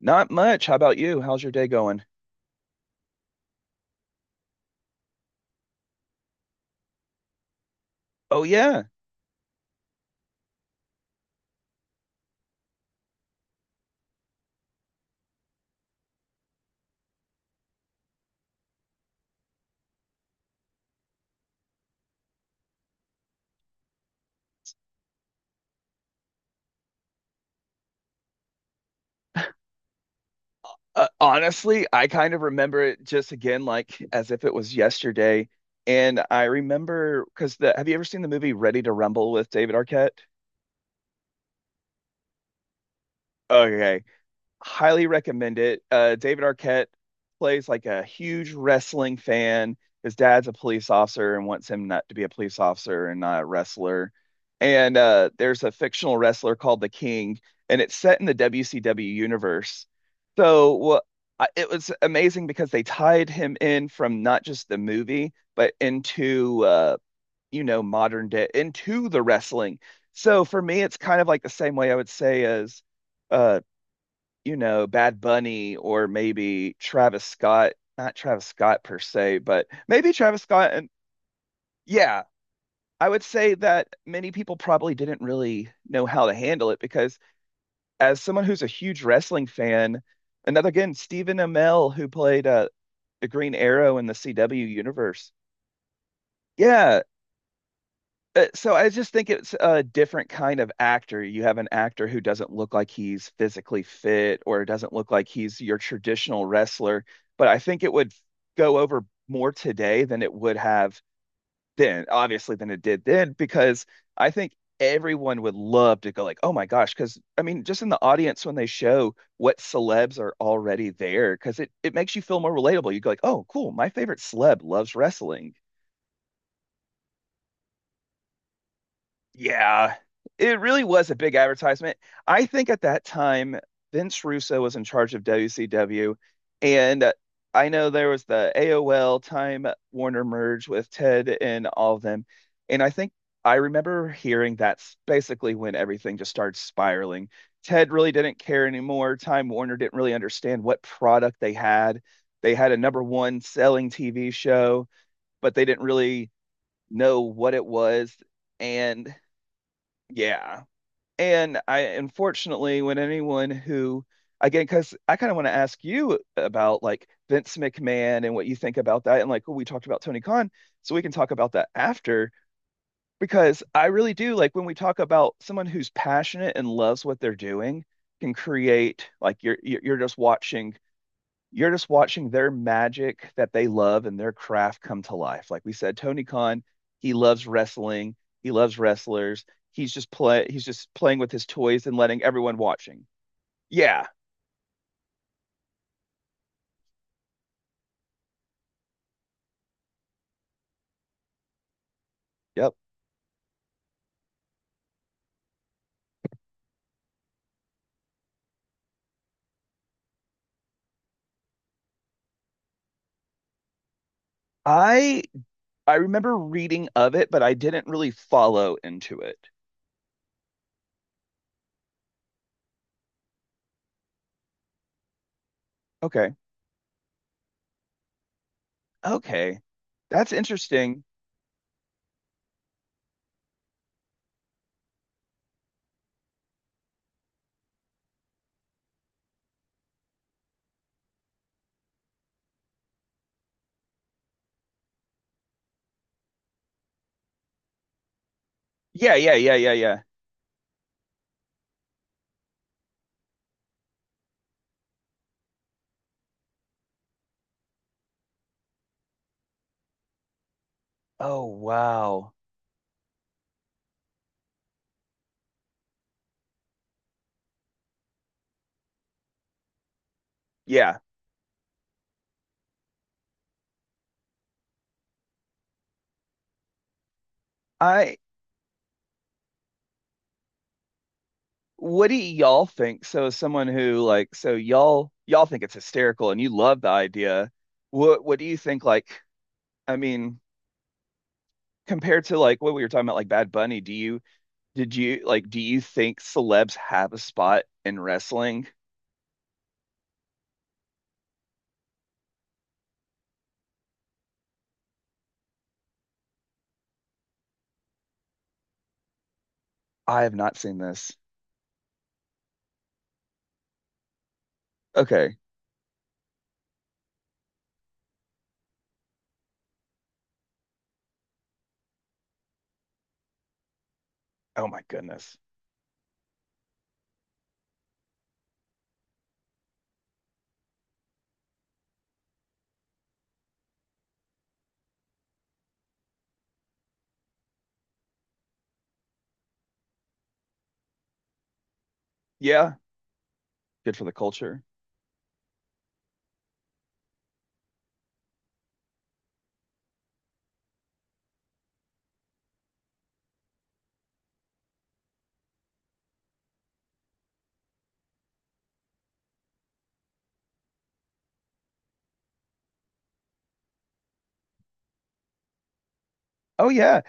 Not much. How about you? How's your day going? Oh yeah. Honestly, I kind of remember it just again like as if it was yesterday. And I remember because the have you ever seen the movie Ready to Rumble with David Arquette? Okay, highly recommend it. David Arquette plays like a huge wrestling fan. His dad's a police officer and wants him not to be a police officer and not a wrestler. And there's a fictional wrestler called the King, and it's set in the WCW universe. So it was amazing because they tied him in from not just the movie, but into modern day into the wrestling. So for me, it's kind of like the same way I would say as uh, Bad Bunny or maybe Travis Scott, not Travis Scott per se, but maybe Travis Scott. And yeah, I would say that many people probably didn't really know how to handle it because, as someone who's a huge wrestling fan, another again, Stephen Amell, who played the Green Arrow in the CW universe. Yeah. So I just think it's a different kind of actor. You have an actor who doesn't look like he's physically fit or doesn't look like he's your traditional wrestler, but I think it would go over more today than it would have then, obviously than it did then, because I think everyone would love to go like, oh my gosh, because I mean, just in the audience when they show what celebs are already there, because it makes you feel more relatable. You go like, oh, cool, my favorite celeb loves wrestling. Yeah, it really was a big advertisement. I think at that time, Vince Russo was in charge of WCW, and I know there was the AOL Time Warner merge with Ted and all of them, and I think I remember hearing that's basically when everything just started spiraling. Ted really didn't care anymore. Time Warner didn't really understand what product they had. They had a number one selling TV show, but they didn't really know what it was. And yeah. And I unfortunately, when anyone who, again, because I kind of want to ask you about like Vince McMahon and what you think about that. And like, oh, we talked about Tony Khan, so we can talk about that after, because I really do like when we talk about someone who's passionate and loves what they're doing, can create like you're just watching you're just watching their magic that they love and their craft come to life. Like we said, Tony Khan, he loves wrestling, he loves wrestlers. He's just playing with his toys and letting everyone watching. Yeah. Yep. I I remember reading of it, but I didn't really follow into it. Okay. Okay. That's interesting. Yeah, yeah, yeah, yeah, yeah. Oh, wow. Yeah. I What do y'all think? So, as someone who like, so y'all think it's hysterical and you love the idea. What do you think? Like, I mean, compared to like what we were talking about, like Bad Bunny, do you did you like do you think celebs have a spot in wrestling? I have not seen this. Okay. Oh my goodness. Yeah. Good for the culture. Oh yeah.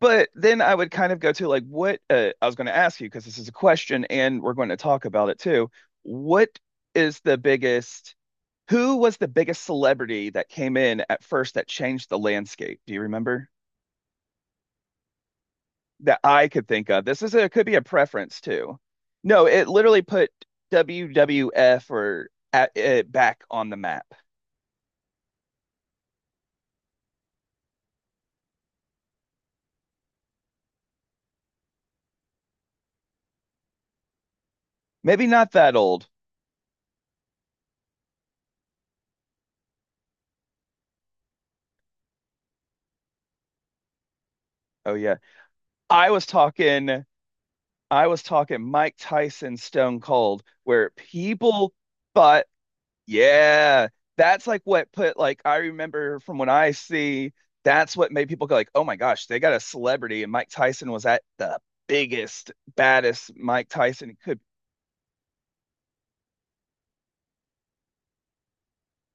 But then I would kind of go to like what I was going to ask you because this is a question and we're going to talk about it too. What is the biggest, who was the biggest celebrity that came in at first that changed the landscape? Do you remember? That I could think of. This is a, it could be a preference too. No, it literally put WWF back on the map. Maybe not that old. Oh yeah. I was talking I was talking Mike Tyson, Stone Cold, where people thought, yeah, that's like what put like I remember from when I see that's what made people go like, oh my gosh, they got a celebrity, and Mike Tyson was at the biggest, baddest Mike Tyson could.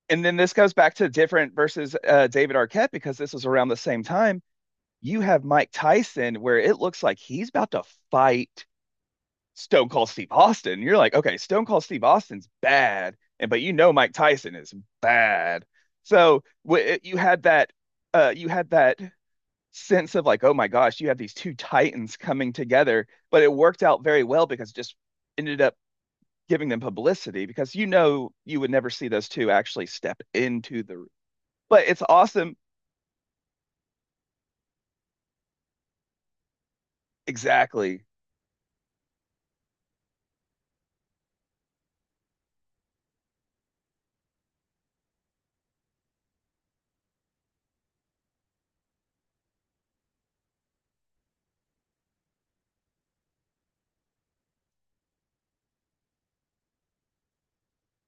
And then this goes back to different versus David Arquette because this was around the same time. You have Mike Tyson where it looks like he's about to fight Stone Cold Steve Austin. You're like, okay, Stone Cold Steve Austin's bad, and but you know Mike Tyson is bad. So w you had that sense of like, oh my gosh, you have these two titans coming together, but it worked out very well because it just ended up giving them publicity because you know you would never see those two actually step into the. But it's awesome, exactly.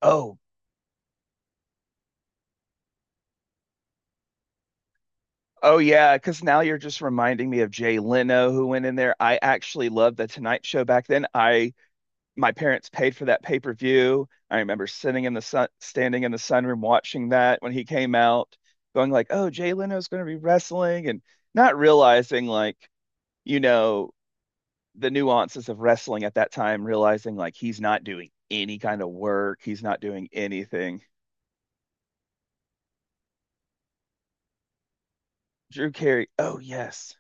Oh Oh yeah, because now you're just reminding me of Jay Leno who went in there. I actually loved the Tonight Show back then. I my parents paid for that pay-per-view. I remember sitting in the sun, standing in the sunroom watching that when he came out, going like, "Oh, Jay Leno's going to be wrestling," and not realizing like, you know, the nuances of wrestling at that time, realizing like he's not doing any kind of work, he's not doing anything. Drew Carey. Oh yes.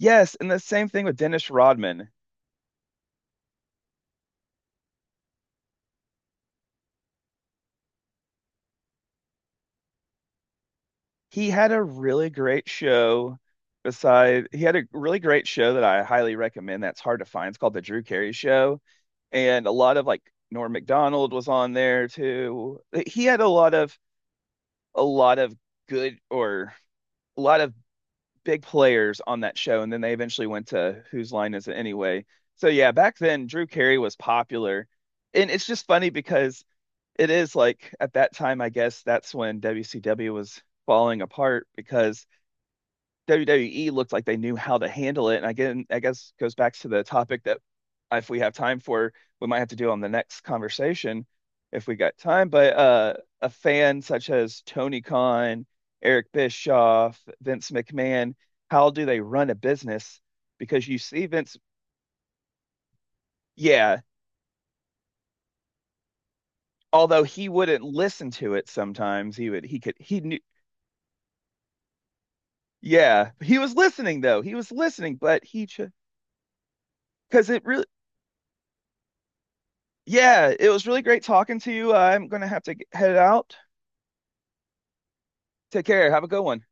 Yes, and the same thing with Dennis Rodman. He had a really great show he had a really great show that I highly recommend that's hard to find. It's called The Drew Carey Show. And a lot of like Norm Macdonald was on there too. Like, he had a lot of good or a lot of big players on that show. And then they eventually went to Whose Line Is It Anyway? So yeah, back then Drew Carey was popular. And it's just funny because it is like at that time, I guess that's when WCW was falling apart because WWE looked like they knew how to handle it. And again, I guess goes back to the topic that if we have time for, we might have to do on the next conversation if we got time. But a fan such as Tony Khan, Eric Bischoff, Vince McMahon, how do they run a business? Because you see Vince, yeah, although he wouldn't listen to it sometimes, he would, he could, he knew, yeah, he was listening though. He was listening, but he, because it really, yeah, it was really great talking to you. I'm gonna have to head out. Take care. Have a good one.